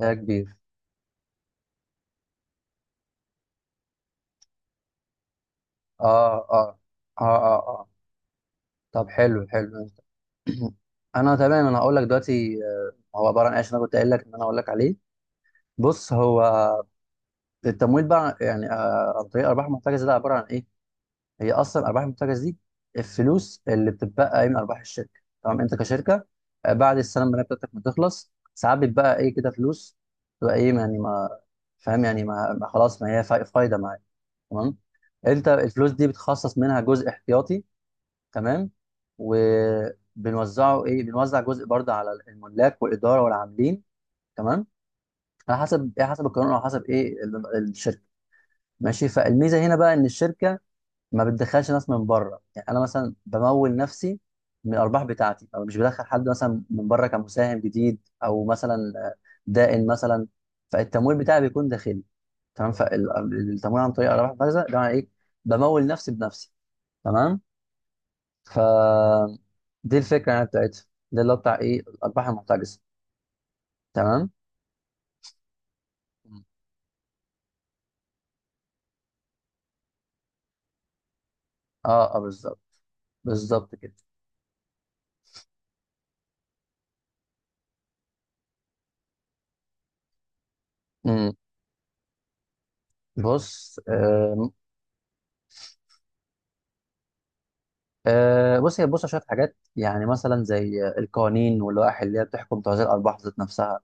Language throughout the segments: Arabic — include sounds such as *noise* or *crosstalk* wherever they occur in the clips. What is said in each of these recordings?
يا كبير. اه، اه، اه، اه، اه. طب حلو حلو *clears throat* انا تمام، انا هقول لك دلوقتي، هو عباره عن ايش انا كنت قايل لك ان انا هقول لك عليه. بص، هو التمويل بقى يعني عن طريق الارباح المحتجزه ده عباره عن ايه؟ هي اصلا الارباح المحتجزه دي الفلوس اللي بتتبقى من ارباح الشركه. تمام؟ انت كشركه بعد السنه الماليه بتاعتك ما تخلص ساعات بتبقى ايه كده فلوس، تبقى ايه يعني، ما فاهم يعني، ما ما خلاص، ما هي فايده معاك. تمام؟ انت الفلوس دي بتخصص منها جزء احتياطي، تمام، وبنوزعه ايه، بنوزع جزء برضه على الملاك والاداره والعاملين. تمام؟ على حسب ايه، حسب القانون او حسب ايه الشركه. ماشي، فالميزه هنا بقى ان الشركه ما بتدخلش ناس من بره، يعني انا مثلا بمول نفسي من الارباح بتاعتي، او مش بدخل حد مثلا من بره كمساهم جديد، او مثلا دائن مثلا. فالتمويل بتاعي بيكون داخلي. تمام، فالتمويل عن طريق ارباح المخزن ده معناه ايه؟ بمول نفسي بنفسي. تمام، ف دي الفكره يعني بتاعتها، ده اللي هو بتاع ايه، الارباح المحتجزه. تمام. مم. اه اه، بالظبط، بالظبط كده. امم بص، بص، هي بص على شويه حاجات، يعني مثلا زي القوانين واللوائح اللي هي بتحكم توزيع الارباح ذات نفسها.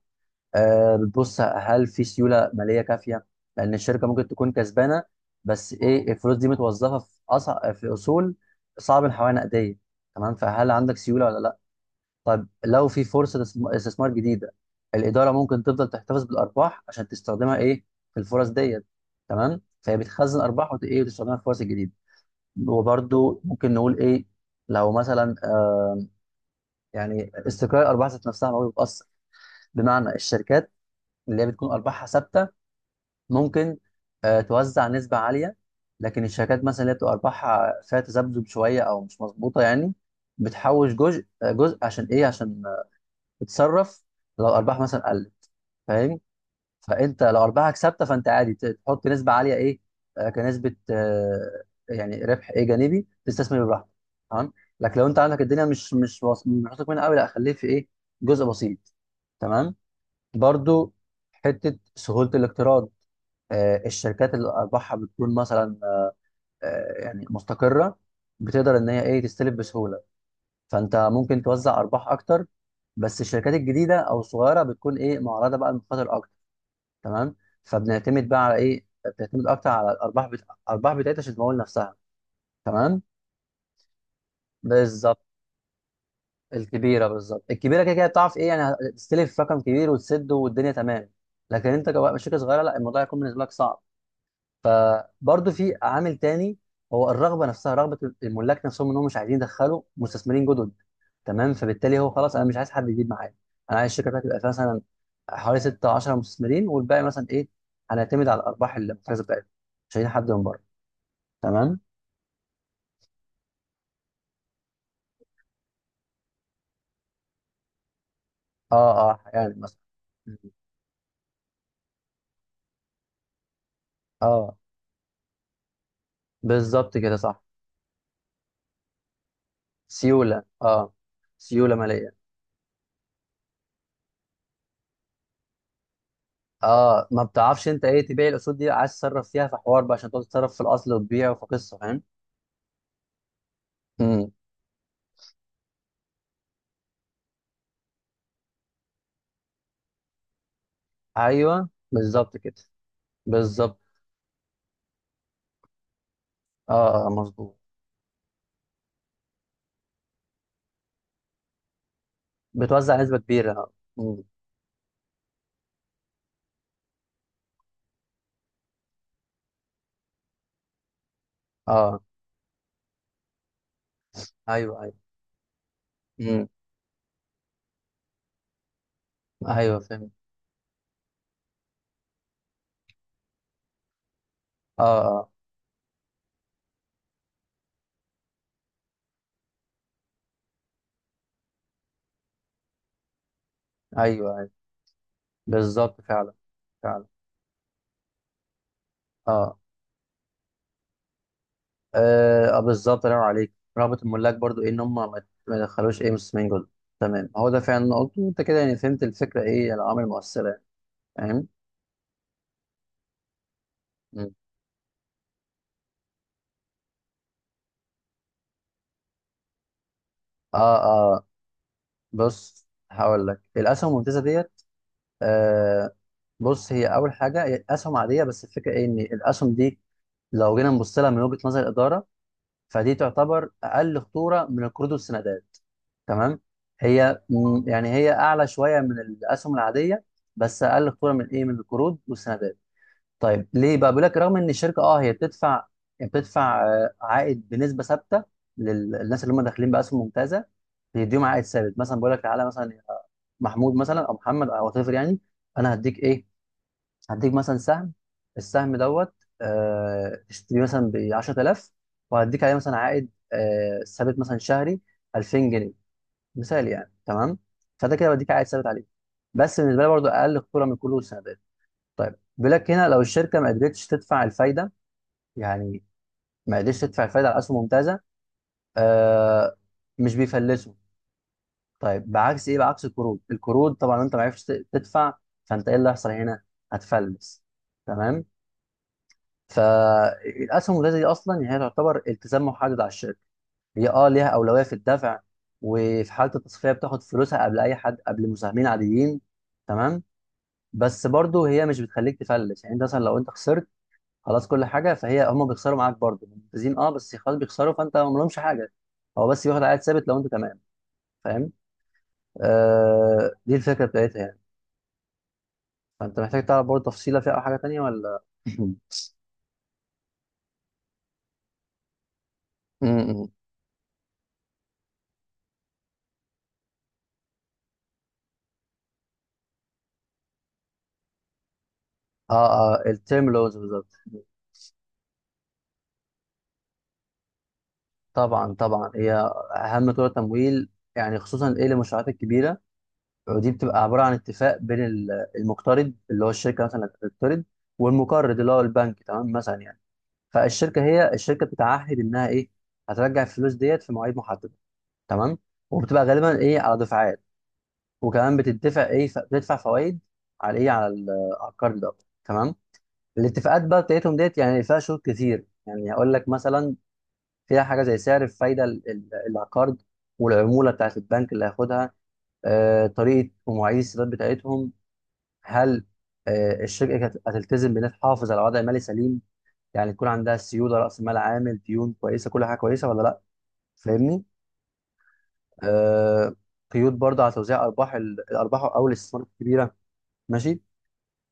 آه بتبص هل في سيوله ماليه كافيه؟ لان الشركه ممكن تكون كسبانه بس ايه الفلوس دي متوظفه في اصول صعب الحوالي نقديه. تمام، فهل عندك سيوله ولا؟ طب لو في فرصة استثمار جديدة، الإدارة ممكن تفضل تحتفظ بالأرباح عشان تستخدمها إيه، في الفرص ديت. تمام، فهي بتخزن أرباح إيه، وتستخدمها في الفرص الجديدة. وبرده ممكن نقول إيه، لو مثلا يعني استقرار الأرباح ذات نفسها، ما هو بيتأثر، بمعنى الشركات اللي هي بتكون أرباحها ثابتة ممكن آه توزع نسبة عالية، لكن الشركات مثلا اللي بتبقى أرباحها فيها تذبذب شوية أو مش مظبوطة يعني، بتحوش جزء، جزء عشان إيه، عشان تتصرف لو الأرباح مثلا قلت. فاهم؟ فانت لو ارباحك ثابته فانت عادي تحط نسبه عاليه ايه، كنسبه يعني ربح ايه جانبي تستثمر براحتك. تمام، لكن لو انت عندك الدنيا مش مش واثق منها قوي، لا خليه في ايه، جزء بسيط. تمام، برضو حته سهوله الاقتراض، الشركات اللي ارباحها بتكون مثلا يعني مستقره، بتقدر ان هي ايه تستلف بسهوله، فانت ممكن توزع ارباح اكتر، بس الشركات الجديده او الصغيره بتكون ايه معرضه بقى للمخاطر اكتر. تمام، فبنعتمد بقى على ايه، بتعتمد اكتر على الارباح الارباح بتاعتها عشان تمول نفسها. تمام، بالظبط، الكبيره، بالظبط الكبيره كده كده بتعرف ايه يعني تستلف رقم كبير وتسده والدنيا تمام، لكن انت كشركه صغيره لا، الموضوع هيكون بالنسبه لك صعب. فبرضه في عامل تاني، هو الرغبه نفسها، رغبه الملاك نفسهم ان هم مش عايزين يدخلوا مستثمرين جدد. تمام، فبالتالي هو خلاص انا مش عايز حد يجيب معايا، انا عايز الشركه بتاعتي تبقى فيها مثلا حوالي 6 10 مستثمرين، والباقي مثلا ايه، هنعتمد على الارباح المحترزه بتاعتهم. مش عايزين حد من بره. تمام. اه اه، يعني مثلا، اه بالظبط كده، صح. سيوله اه، سيوله ماليه. اه، ما بتعرفش انت ايه تبيع الاسود دي، عايز تتصرف فيها في حوار بقى عشان تقعد تتصرف في الاصل وتبيع وفي قصه. فاهم؟ ايوه، بالظبط كده، بالظبط. اه مظبوط. بتوزع نسبه كبيره، اه. مم. اه، ايوه، ايوه. مم. ايوه فهمت. اه اه. ايوه، ايوه، بالظبط، فعلا. فعلا. اه اه، بالظبط، الله ينور عليك، رغبه الملاك برضو ايه، ان هم ما يدخلوش ايه مستثمرين جدد. تمام، هو ده فعلا اللي أنا قلته انت كده، يعني فهمت الفكره، ايه يعني العوامل المؤثره يعني. فاهم؟ مم. اه اه، بص هقول لك الاسهم الممتازه ديت. آه بص، هي اول حاجه هي اسهم عاديه، بس الفكره ايه، ان الاسهم دي لو جينا نبص لها من وجهة نظر الإدارة، فدي تعتبر أقل خطورة من القروض والسندات. تمام، هي يعني هي أعلى شوية من الأسهم العادية، بس أقل خطورة من إيه، من القروض والسندات. طيب ليه بقى، بيقول لك رغم إن الشركة أه هي بتدفع، يعني بتدفع عائد بنسبة ثابتة للناس اللي هم داخلين بأسهم ممتازة، بيديهم عائد ثابت، مثلا بيقول لك تعالى مثلا يا محمود، مثلا أو محمد أو وات ايفر، يعني أنا هديك إيه، هديك مثلا سهم، السهم دوت اشتريه مثلا ب 10,000، وهديك عليه مثلا عائد ثابت مثلا شهري 2000 جنيه. مثال يعني، تمام، فده كده بديك عائد ثابت عليه، بس بالنسبه لي برضه اقل خطوره من كل السندات. طيب بيقول لك هنا، لو الشركه ما قدرتش تدفع الفايده، يعني ما قدرتش تدفع الفايده على اسهم ممتازه، آه مش بيفلسوا. طيب بعكس ايه، بعكس القروض، القروض طبعا لو انت ما عرفتش تدفع، فانت ايه اللي هيحصل هنا، هتفلس. تمام، فالاسهم الولاده دي اصلا يعني هي تعتبر التزام محدد على الشركه، هي اه ليها اولويه في الدفع، وفي حاله التصفيه بتاخد فلوسها قبل اي حد، قبل مساهمين عاديين. تمام، بس برضه هي مش بتخليك تفلس، يعني انت مثلا لو انت خسرت خلاص كل حاجه، فهي هم بيخسروا معاك برضه ممتازين اه، بس خلاص بيخسروا، فانت ما لهمش حاجه، هو بس بياخد عائد ثابت لو انت تمام. فاهم؟ آه دي الفكره بتاعتها يعني. فانت محتاج تعرف برضه تفصيله فيها او حاجه تانيه ولا *laughs* م- م. اه اه، التيرم لونز بالظبط. طبعا طبعا، هي اهم طرق تمويل، يعني خصوصا ايه للمشروعات الكبيره. ودي بتبقى عباره عن اتفاق بين المقترض اللي هو الشركه مثلا اللي بتقترض، والمقرض اللي هو البنك. تمام مثلا يعني، فالشركه الشركه بتتعهد انها ايه، هترجع الفلوس ديت في مواعيد محدده. تمام، وبتبقى غالبا ايه على دفعات، وكمان بتدفع ايه، بتدفع فوائد على ايه، على القرض ده. تمام، الاتفاقات بقى بتاعتهم ديت يعني فيها شروط كتير، يعني هقول لك مثلا، فيها حاجه زي سعر الفايده العقار، والعموله بتاعت البنك اللي هياخدها، طريقه ومواعيد السداد بتاعتهم. هل الشركه هتلتزم بانها تحافظ على وضع مالي سليم، يعني يكون عندها سيوله، راس مال عامل، ديون كويسه، كل حاجه كويسه ولا لا. فاهمني؟ آه، قيود برضه على توزيع ارباح الارباح او الاستثمارات الكبيره. ماشي،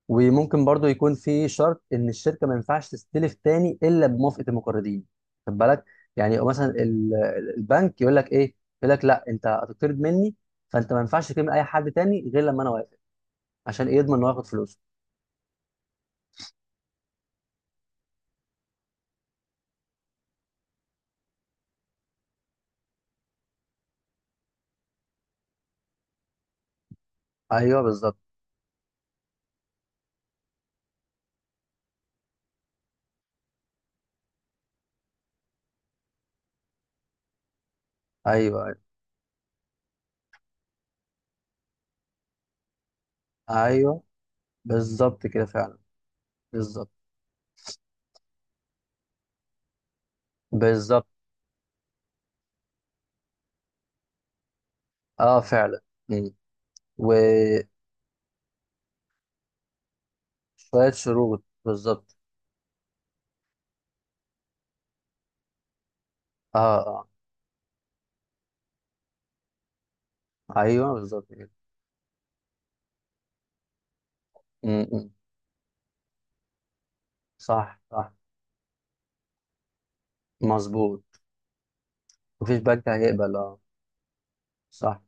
وممكن برضو يكون في شرط ان الشركه ما ينفعش تستلف تاني الا بموافقه المقرضين. خد بالك، يعني مثلا البنك يقول لك ايه، يقول لك لا انت هتقترض مني، فانت ما ينفعش تكلم اي حد تاني غير لما انا وافق، عشان ايه، يضمن انه ياخد فلوسه. ايوه بالظبط. ايوه ايوه، ايوه بالظبط كده، فعلا. بالظبط بالظبط، اه فعلا. مم. وشويه شروط، بالظبط. اه اه، ايوه بالظبط كده. مم، مم. صح صح، مظبوط. مفيش بنك هيقبل، اه، صح.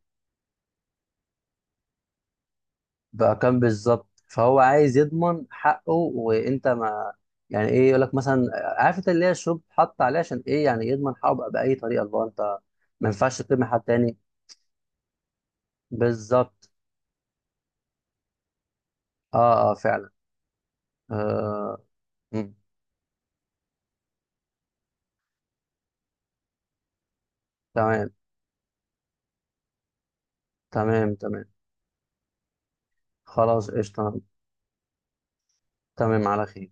بأرقام، بالظبط، فهو عايز يضمن حقه، وانت ما يعني ايه يقول لك مثلا، عارف انت اللي هي الشروط حط عليه، عشان ايه يعني يضمن حقه بقى بأي طريقة اللي هو انت ما ينفعش تقيم حد تاني. بالظبط، اه اه فعلا. آه. مم. تمام تمام تمام. خلاص، قشطة. تمام على خير.